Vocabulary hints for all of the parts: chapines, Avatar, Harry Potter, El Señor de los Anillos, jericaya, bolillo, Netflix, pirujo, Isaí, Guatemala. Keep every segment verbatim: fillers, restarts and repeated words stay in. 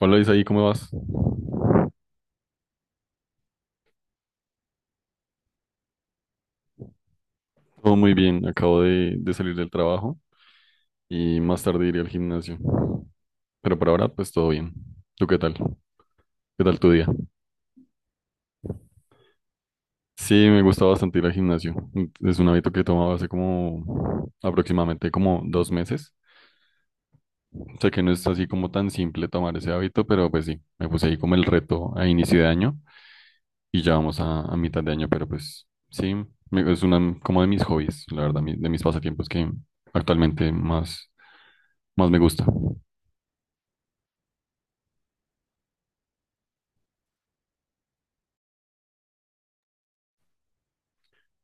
Hola Isaí, ¿cómo vas? Todo muy bien, acabo de, de salir del trabajo y más tarde iré al gimnasio. Pero por ahora, pues todo bien. ¿Tú qué tal? ¿Qué tal tu día? Sí, me gusta bastante ir al gimnasio. Es un hábito que he tomado hace como aproximadamente como dos meses. Sé que no es así como tan simple tomar ese hábito, pero pues sí, me puse ahí como el reto a inicio de año y ya vamos a, a mitad de año, pero pues sí, me- es una como de mis hobbies, la verdad, mi- de mis pasatiempos que actualmente más más me gusta.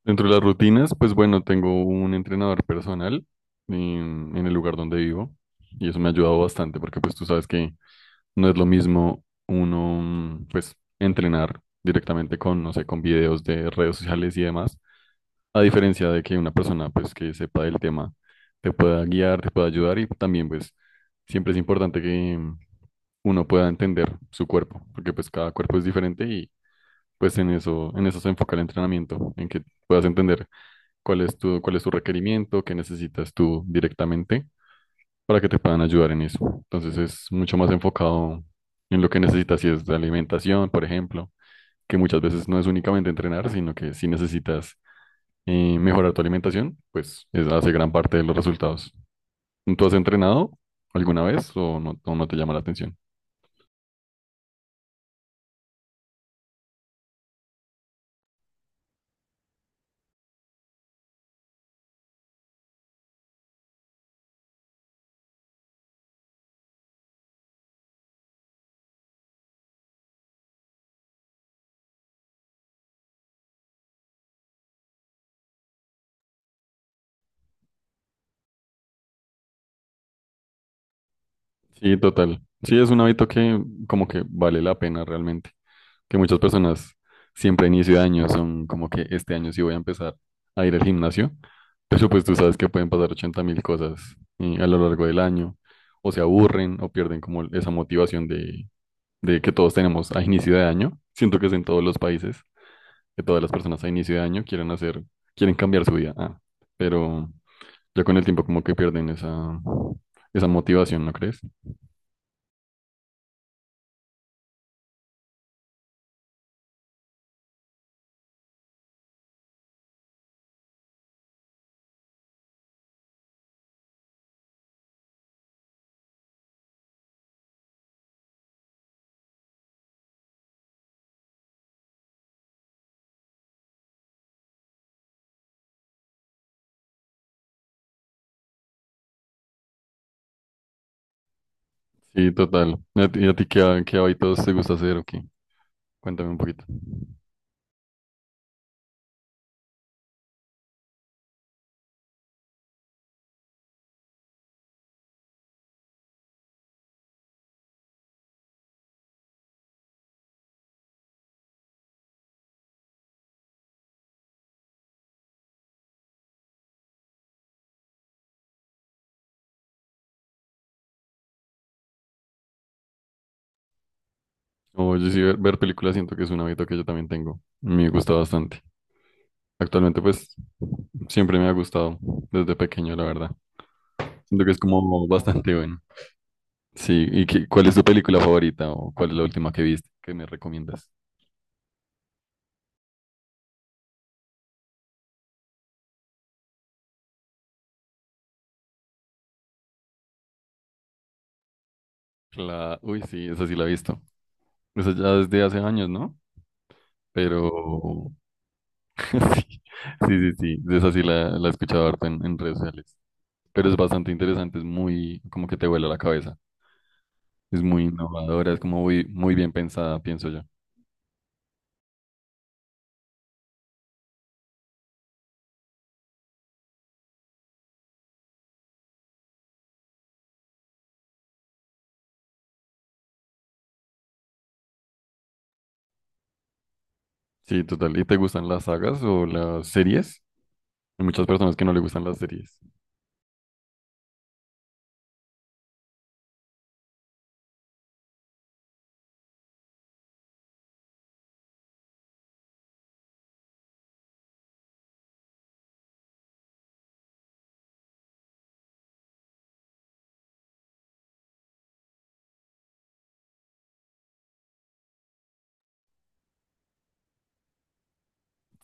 Dentro de las rutinas, pues bueno, tengo un entrenador personal en, en el lugar donde vivo y eso me ha ayudado bastante porque pues tú sabes que no es lo mismo uno mm, pues entrenar directamente con, no sé, con videos de redes sociales y demás, a diferencia de que una persona pues que sepa del tema te pueda guiar, te pueda ayudar y también pues siempre es importante que uno pueda entender su cuerpo, porque pues cada cuerpo es diferente y pues en eso, en eso se enfoca el entrenamiento, en que puedas entender cuál es tu, cuál es tu requerimiento, qué necesitas tú directamente para que te puedan ayudar en eso. Entonces es mucho más enfocado en lo que necesitas, si es de alimentación, por ejemplo, que muchas veces no es únicamente entrenar, sino que si necesitas eh, mejorar tu alimentación, pues es- hace gran parte de los resultados. ¿Tú has entrenado alguna vez o no, o no te llama la atención? Sí, total. Sí, es un hábito que como que vale la pena realmente. Que muchas personas siempre a inicio de año son como que este año sí voy a empezar a ir al gimnasio, pero pues tú sabes que pueden pasar ochenta mil cosas eh, a lo largo del año, o se aburren o pierden como esa motivación de, de que todos tenemos a inicio de año. Siento que es en todos los países que todas las personas a inicio de año quieren hacer, quieren cambiar su vida. Ah, pero ya con el tiempo como que pierden esa, esa motivación, ¿no crees? Sí, total. ¿Y a ti, y a ti qué, ha- qué hábitos te gusta hacer o qué? Cuéntame un poquito. O yo sí, ver, ver películas siento que es un hábito que yo también tengo. Me gusta bastante. Actualmente, pues, siempre me ha gustado desde pequeño, la verdad. Siento que es como bastante bueno. Sí, ¿y qué- cuál es tu película favorita o cuál es la última que viste que me recomiendas? La... Uy, sí, esa sí la he visto. Eso ya desde hace años, ¿no? Pero sí, sí, sí, sí. Esa sí la, la he escuchado harto en, en redes sociales. Pero es bastante interesante, es muy, como que te vuela la cabeza. Es muy innovadora, es como muy, muy bien pensada, pienso yo. Sí, total. ¿Y te gustan las sagas o las series? Hay muchas personas que no le gustan las series.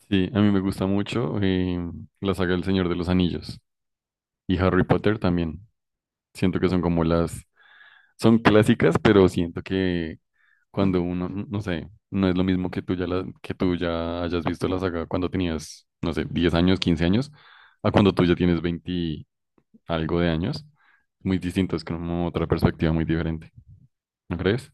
Sí, a mí me gusta mucho eh, la saga El Señor de los Anillos y Harry Potter también. Siento que son como las, son clásicas, pero siento que cuando uno, no sé, no es lo mismo que tú ya, la- que tú ya hayas visto la saga cuando tenías, no sé, diez años, quince años, a cuando tú ya tienes veinte y algo de años. Muy distinto, es como otra perspectiva muy diferente, ¿no crees?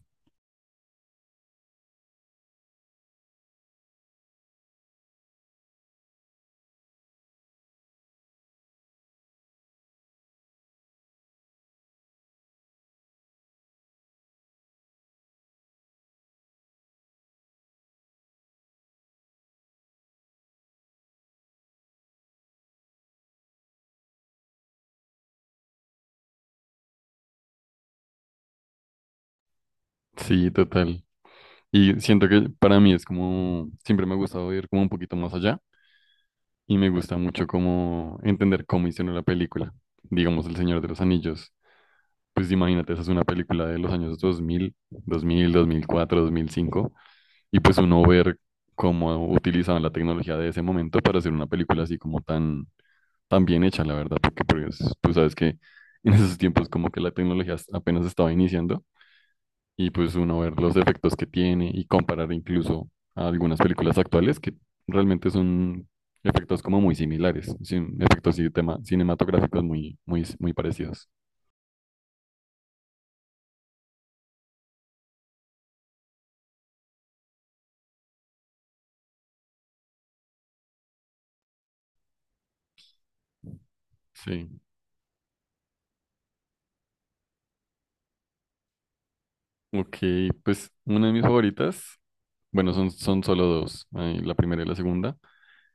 Sí, total. Y siento que para mí es como, siempre me ha gustado ir como un poquito más allá y me gusta mucho como entender cómo hicieron la película. Digamos, El Señor de los Anillos. Pues imagínate, esa es una película de los años dos dos dos mil mil mil cuatro, dos mil cinco. Y pues uno ver cómo utilizaban la tecnología de ese momento para hacer una película así como tan, tan bien hecha, la verdad, porque pues, tú sabes que en esos tiempos como que la tecnología as- apenas estaba iniciando y pues uno ver los efectos que tiene y comparar incluso a algunas películas actuales que realmente son efectos como muy similares, sin- efectos y tema- cinematográficos muy, muy, muy parecidos. Sí. Ok, pues una de mis favoritas, bueno, son, son solo dos, eh, la primera y la segunda.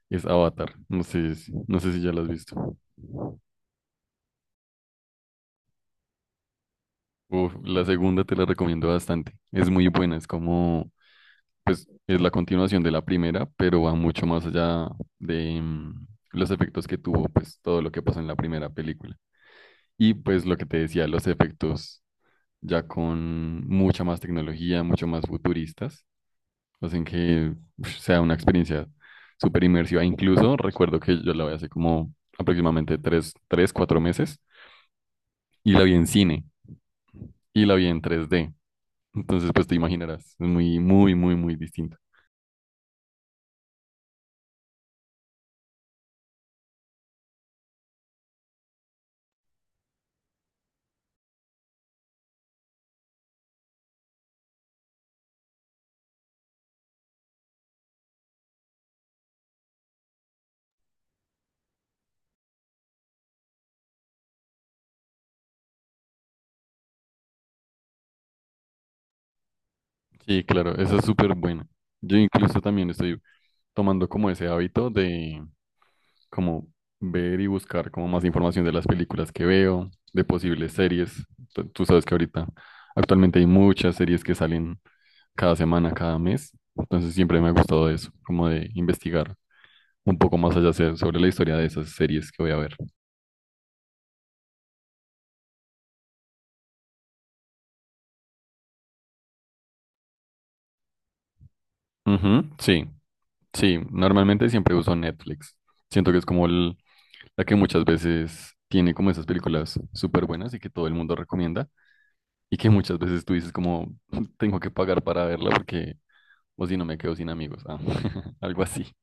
Es Avatar. No sé, si- no sé si ya la has visto. Uf, la segunda te la recomiendo bastante. Es muy buena. Es como, pues, es la continuación de la primera, pero va mucho más allá de mm, los efectos que tuvo, pues, todo lo que pasó en la primera película. Y pues lo que te decía, los efectos ya con mucha más tecnología, mucho más futuristas, hacen que uf, sea una experiencia súper inmersiva. Incluso recuerdo que yo la vi hace como aproximadamente tres, tres, cuatro meses y la vi en cine. Y la vi en tres d. Entonces, pues te imaginarás, es muy, muy, muy, muy distinta. Sí, claro, esa es súper buena. Yo incluso también estoy tomando como ese hábito de como ver y buscar como más información de las películas que veo, de posibles series. Tú tú sabes que ahorita actualmente hay muchas series que salen cada semana, cada mes. Entonces siempre me ha gustado eso, como de investigar un poco más allá se- sobre la historia de esas series que voy a ver. Ujú, sí. Sí, normalmente siempre uso Netflix. Siento que es como el- la que muchas veces tiene como esas películas súper buenas y que todo el mundo recomienda y que muchas veces tú dices como tengo que pagar para verla porque o si no me quedo sin amigos. Ah, algo así.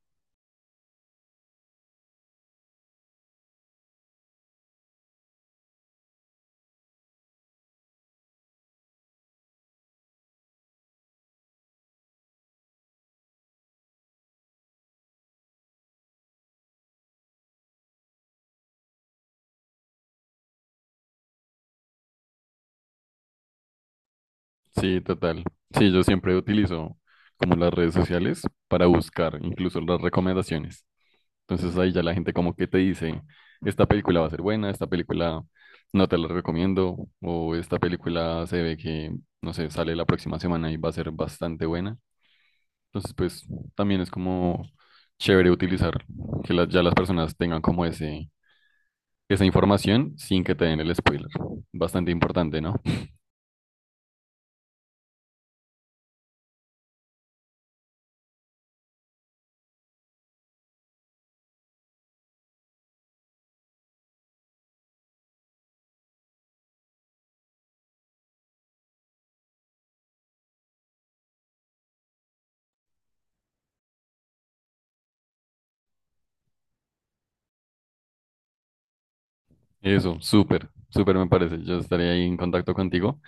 Sí, total. Sí, yo siempre utilizo como las redes sociales para buscar incluso las recomendaciones. Entonces ahí ya la gente como que te dice, esta película va a ser buena, esta película no te la recomiendo, o esta película se ve que, no sé, sale la próxima semana y va a ser bastante buena. Entonces pues también es como chévere utilizar que las- ya las personas tengan como ese, esa información sin que te den el spoiler. Bastante importante, ¿no? Eso, súper, súper me parece. Yo estaré ahí en contacto contigo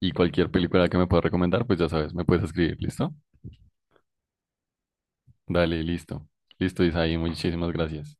y cualquier película que me puedas recomendar, pues ya sabes, me puedes escribir, ¿listo? Dale, listo. Listo, Isaí, muchísimas gracias.